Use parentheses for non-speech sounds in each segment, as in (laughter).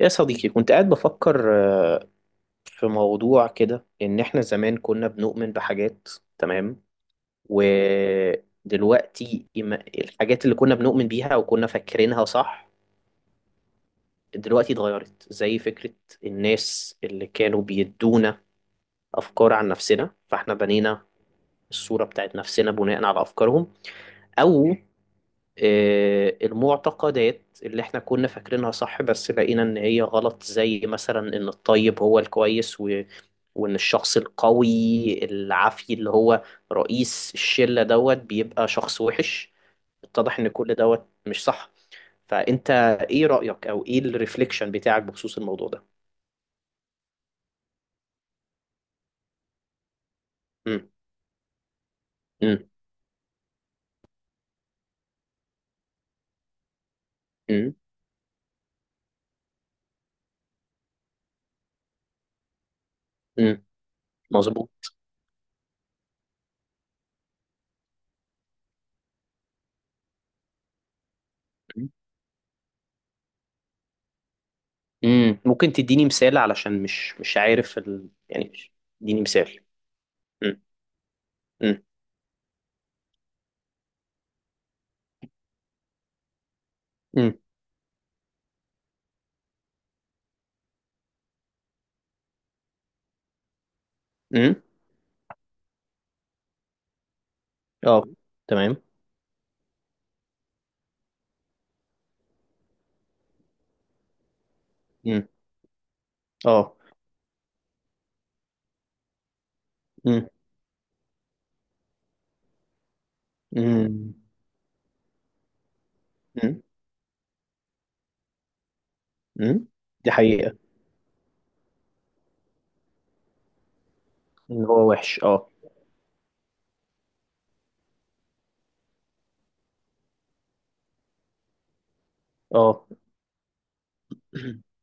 يا صديقي كنت قاعد بفكر آه، في موضوع كده، إن إحنا زمان كنا بنؤمن بحاجات. تمام. ودلوقتي الحاجات اللي كنا بنؤمن بيها وكنا فاكرينها صح دلوقتي اتغيرت، زي فكرة الناس اللي كانوا بيدونا أفكار عن نفسنا، فإحنا بنينا الصورة بتاعت نفسنا بناء على أفكارهم، أو المعتقدات اللي احنا كنا فاكرينها صح بس لقينا ان هي غلط، زي مثلا ان الطيب هو الكويس وان الشخص القوي العافي اللي هو رئيس الشلة دوت بيبقى شخص وحش. اتضح ان كل دوت مش صح. فانت ايه رأيك او ايه الريفليكشن بتاعك بخصوص الموضوع ده؟ امم. امم. امم. امم. مظبوط. امم. ممكن تديني مثال، علشان مش عارف اديني مثال. امم. امم. امم. اه. تمام. امم. اه. امم. امم. امم. امم. دي حقيقة. ان هو وحش، اه. اه. (clears throat)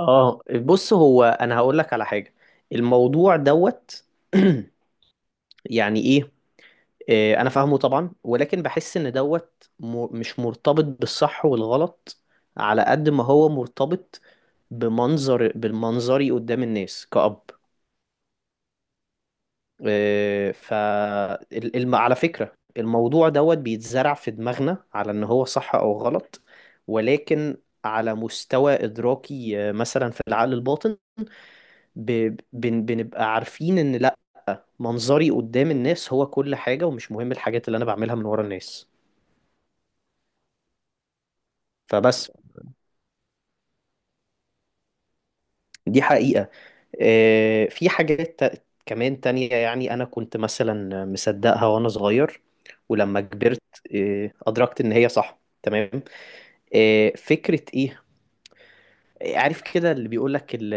اه، بص، هو انا هقول لك على حاجة. الموضوع دوت (clears throat) يعني ايه، انا فاهمه طبعا، ولكن بحس ان دوت مش مرتبط بالصح والغلط، على قد ما هو مرتبط بالمنظري قدام الناس كأب. آه، ف على فكرة الموضوع دوت بيتزرع في دماغنا على ان هو صح او غلط، ولكن على مستوى ادراكي، مثلا في العقل الباطن، بنبقى عارفين ان لا، منظري قدام الناس هو كل حاجة، ومش مهم الحاجات اللي انا بعملها من ورا الناس. فبس. دي حقيقة. في حاجات كمان تانية، يعني انا كنت مثلا مصدقها وانا صغير، ولما كبرت ادركت ان هي صح. تمام. فكرة ايه. عارف كده اللي بيقول لك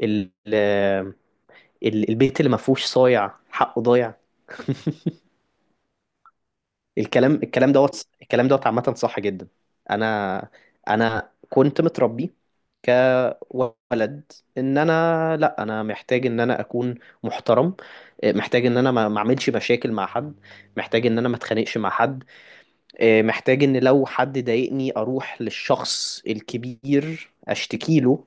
ال البيت اللي ما فيهوش صايع حقه ضايع. (laughs) الكلام دوت الكلام دوت عامة صح جدا. انا انا كنت متربي كولد، ان انا لا انا محتاج ان انا اكون محترم، محتاج ان انا ما اعملش مشاكل مع حد، محتاج ان انا ما اتخانقش مع حد، محتاج ان لو حد ضايقني اروح للشخص الكبير اشتكي له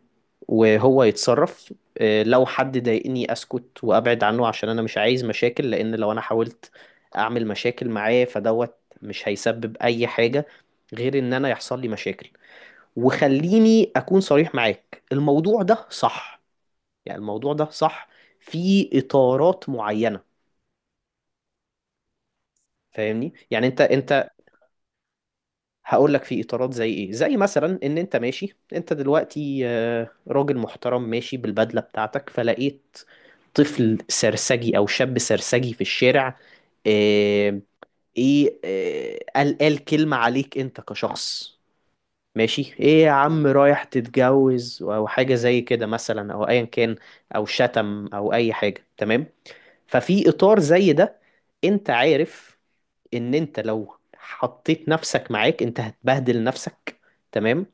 وهو يتصرف. لو حد ضايقني اسكت وابعد عنه، عشان انا مش عايز مشاكل، لان لو انا حاولت اعمل مشاكل معاه فدوت مش هيسبب اي حاجة غير ان انا يحصل لي مشاكل. وخليني اكون صريح معاك، الموضوع ده صح، يعني الموضوع ده صح في اطارات معينة. فاهمني؟ يعني انت هقول لك في اطارات زي ايه. زي مثلا ان انت ماشي، انت دلوقتي راجل محترم ماشي بالبدله بتاعتك، فلقيت طفل سرسجي او شاب سرسجي في الشارع، آه، ايه آه، قال كلمه عليك انت كشخص: ماشي ايه يا عم، رايح تتجوز، او حاجه زي كده مثلا، او ايا كان، او شتم، او اي حاجه. تمام. ففي اطار زي ده انت عارف ان انت لو حطيت نفسك معاك انت هتبهدل نفسك. تمام.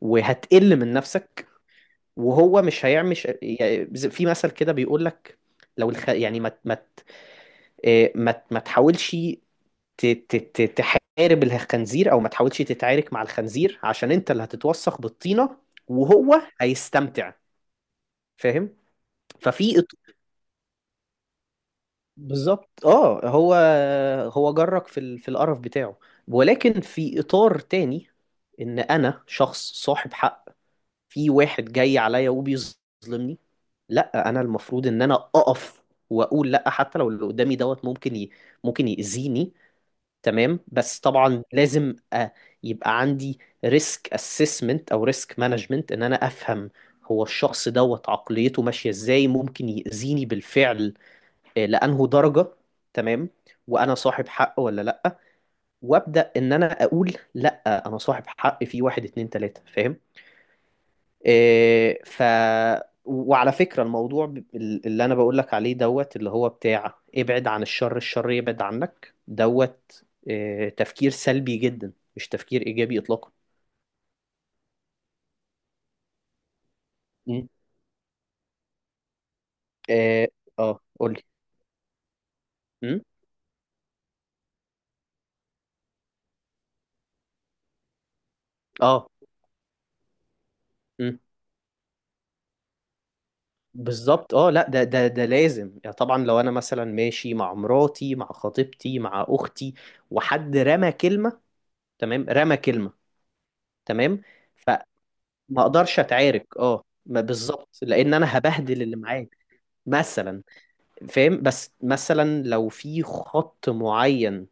وهتقل من نفسك، وهو مش هيعمل يعني، في مثل كده بيقول لك: لو الخ... يعني ما ما آه، ما ما تحاولش تحارب الخنزير، او ما تحاولش تتعارك مع الخنزير، عشان انت اللي هتتوسخ بالطينة وهو هيستمتع. فاهم؟ ففي، بالظبط، اه. هو هو جرك في القرف بتاعه. ولكن في اطار تاني، ان انا شخص صاحب حق، في واحد جاي عليا وبيظلمني، لا، انا المفروض ان انا اقف واقول لا، حتى لو اللي قدامي دوت ممكن ممكن يأذيني. تمام. بس طبعا لازم يبقى عندي ريسك اسسمنت او ريسك مانجمنت، ان انا افهم هو الشخص دوت عقليته ماشية ازاي، ممكن يأذيني بالفعل لأنه درجة. تمام. وأنا صاحب حق ولا لأ. وأبدأ إن أنا أقول لأ، أنا صاحب حق في واحد، اتنين، تلاتة. فاهم؟ آه، ف وعلى فكرة، الموضوع اللي أنا بقول لك عليه دوت، اللي هو بتاع ابعد عن الشر الشر يبعد عنك دوت، تفكير سلبي جدا، مش تفكير إيجابي إطلاقا. مم. اه. قولي. مم؟ اه، بالظبط، اه، لا، ده لازم يعني، طبعا لو انا مثلا ماشي مع مراتي، مع خطيبتي، مع اختي، وحد رمى كلمه، تمام، رمى كلمه، تمام. فما اقدرش اتعارك، اه، ما بالظبط، لان انا هبهدل اللي معايا مثلا. فاهم؟ بس مثلا لو في خط معين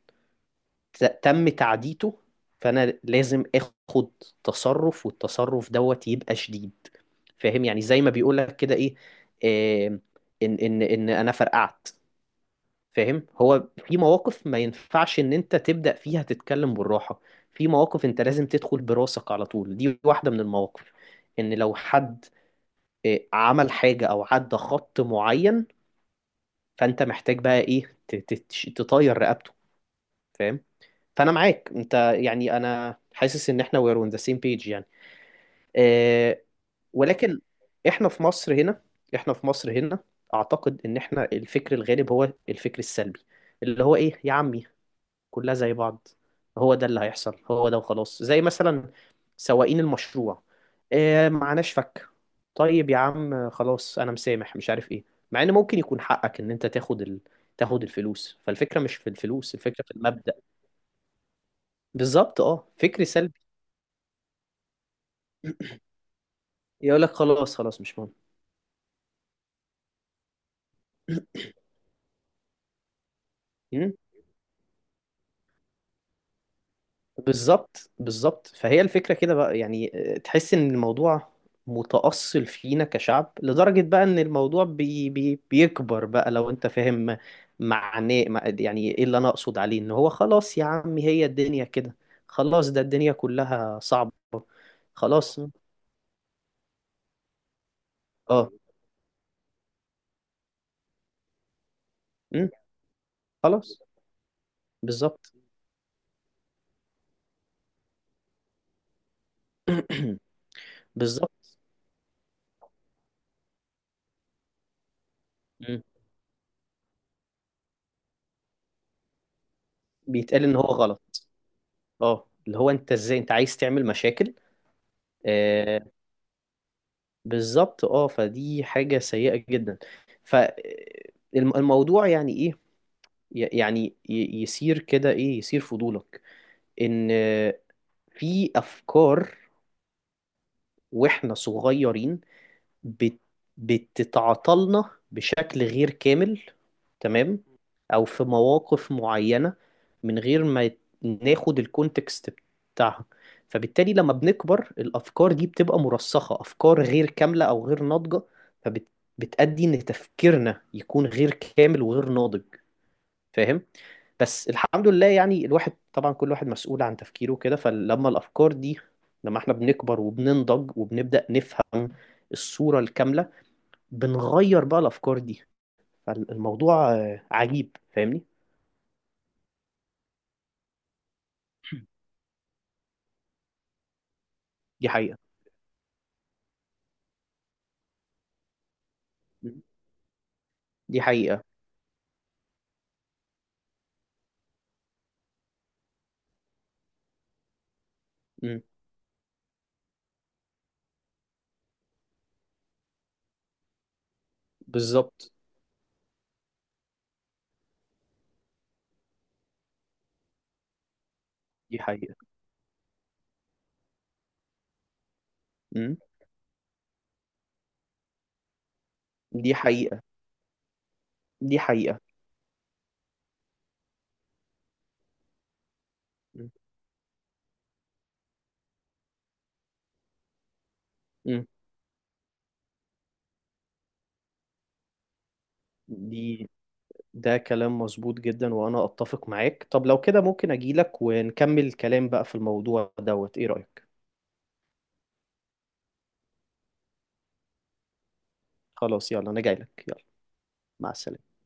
تم تعديته، فانا لازم اخد تصرف، والتصرف دوت يبقى شديد. فاهم؟ يعني زي ما بيقولك كده ايه، آه، ان انا فرقعت. فاهم؟ هو في مواقف ما ينفعش ان انت تبدأ فيها تتكلم بالراحة، في مواقف انت لازم تدخل براسك على طول. دي واحدة من المواقف، ان لو حد عمل حاجة او عدى خط معين، فانت محتاج بقى ايه تطير رقبته. فاهم؟ فانا معاك انت، يعني انا حاسس ان احنا we're on the same page يعني. آه، ولكن احنا في مصر هنا، احنا في مصر هنا اعتقد ان احنا الفكر الغالب هو الفكر السلبي، اللي هو ايه، يا عمي كلها زي بعض، هو ده اللي هيحصل، هو ده وخلاص. زي مثلا سواقين المشروع. إيه معناش فك. طيب يا عم خلاص انا مسامح مش عارف ايه، مع ان ممكن يكون حقك ان انت تاخد تاخد الفلوس. فالفكرة مش في الفلوس، الفكرة في المبدأ. بالظبط، اه، فكر سلبي. يقول لك خلاص، خلاص مش مهم. (clears throat) بالظبط، بالظبط. فهي الفكرة كده بقى، يعني تحس ان الموضوع متأصل فينا كشعب، لدرجة بقى ان الموضوع بي بي بيكبر بقى. لو انت فاهم معناه يعني ايه اللي انا اقصد عليه، ان هو خلاص يا عمي هي الدنيا كده، خلاص ده الدنيا كلها صعبة. خلاص، اه. أمم، خلاص، بالظبط. (clears throat) بالظبط. أمم. بيتقال ان هو غلط، اه، اللي هو انت ازاي انت عايز تعمل مشاكل. آه، بالظبط، اه، فدي حاجة سيئة جدا. فالموضوع يعني ايه، يصير كده ايه، يصير فضولك ان في افكار واحنا صغيرين بت... بتتعطلنا بشكل غير كامل. تمام. او في مواقف معينة، من غير ما ناخد الكونتكست بتاعها، فبالتالي لما بنكبر الافكار دي بتبقى مرسخة، افكار غير كاملة او غير ناضجة، فبتأدي ان تفكيرنا يكون غير كامل وغير ناضج. فاهم؟ بس الحمد لله يعني، الواحد طبعا كل واحد مسؤول عن تفكيره كده، فلما الأفكار دي، لما احنا بنكبر وبننضج وبنبدأ نفهم الصورة الكاملة، بنغير بقى الافكار دي. فالموضوع عجيب. فاهمني؟ دي حقيقة. مم. دي حقيقة. مم. بالظبط. دي حقيقة. مم. دي حقيقة. دي حقيقة. مم. مم. دي ده كلام مظبوط جدا، وأنا أتفق معاك. طب لو كده ممكن أجيلك ونكمل الكلام بقى في الموضوع دوت، إيه رأيك؟ خلاص، يلا، أنا جايلك، يلا. مع السلامة.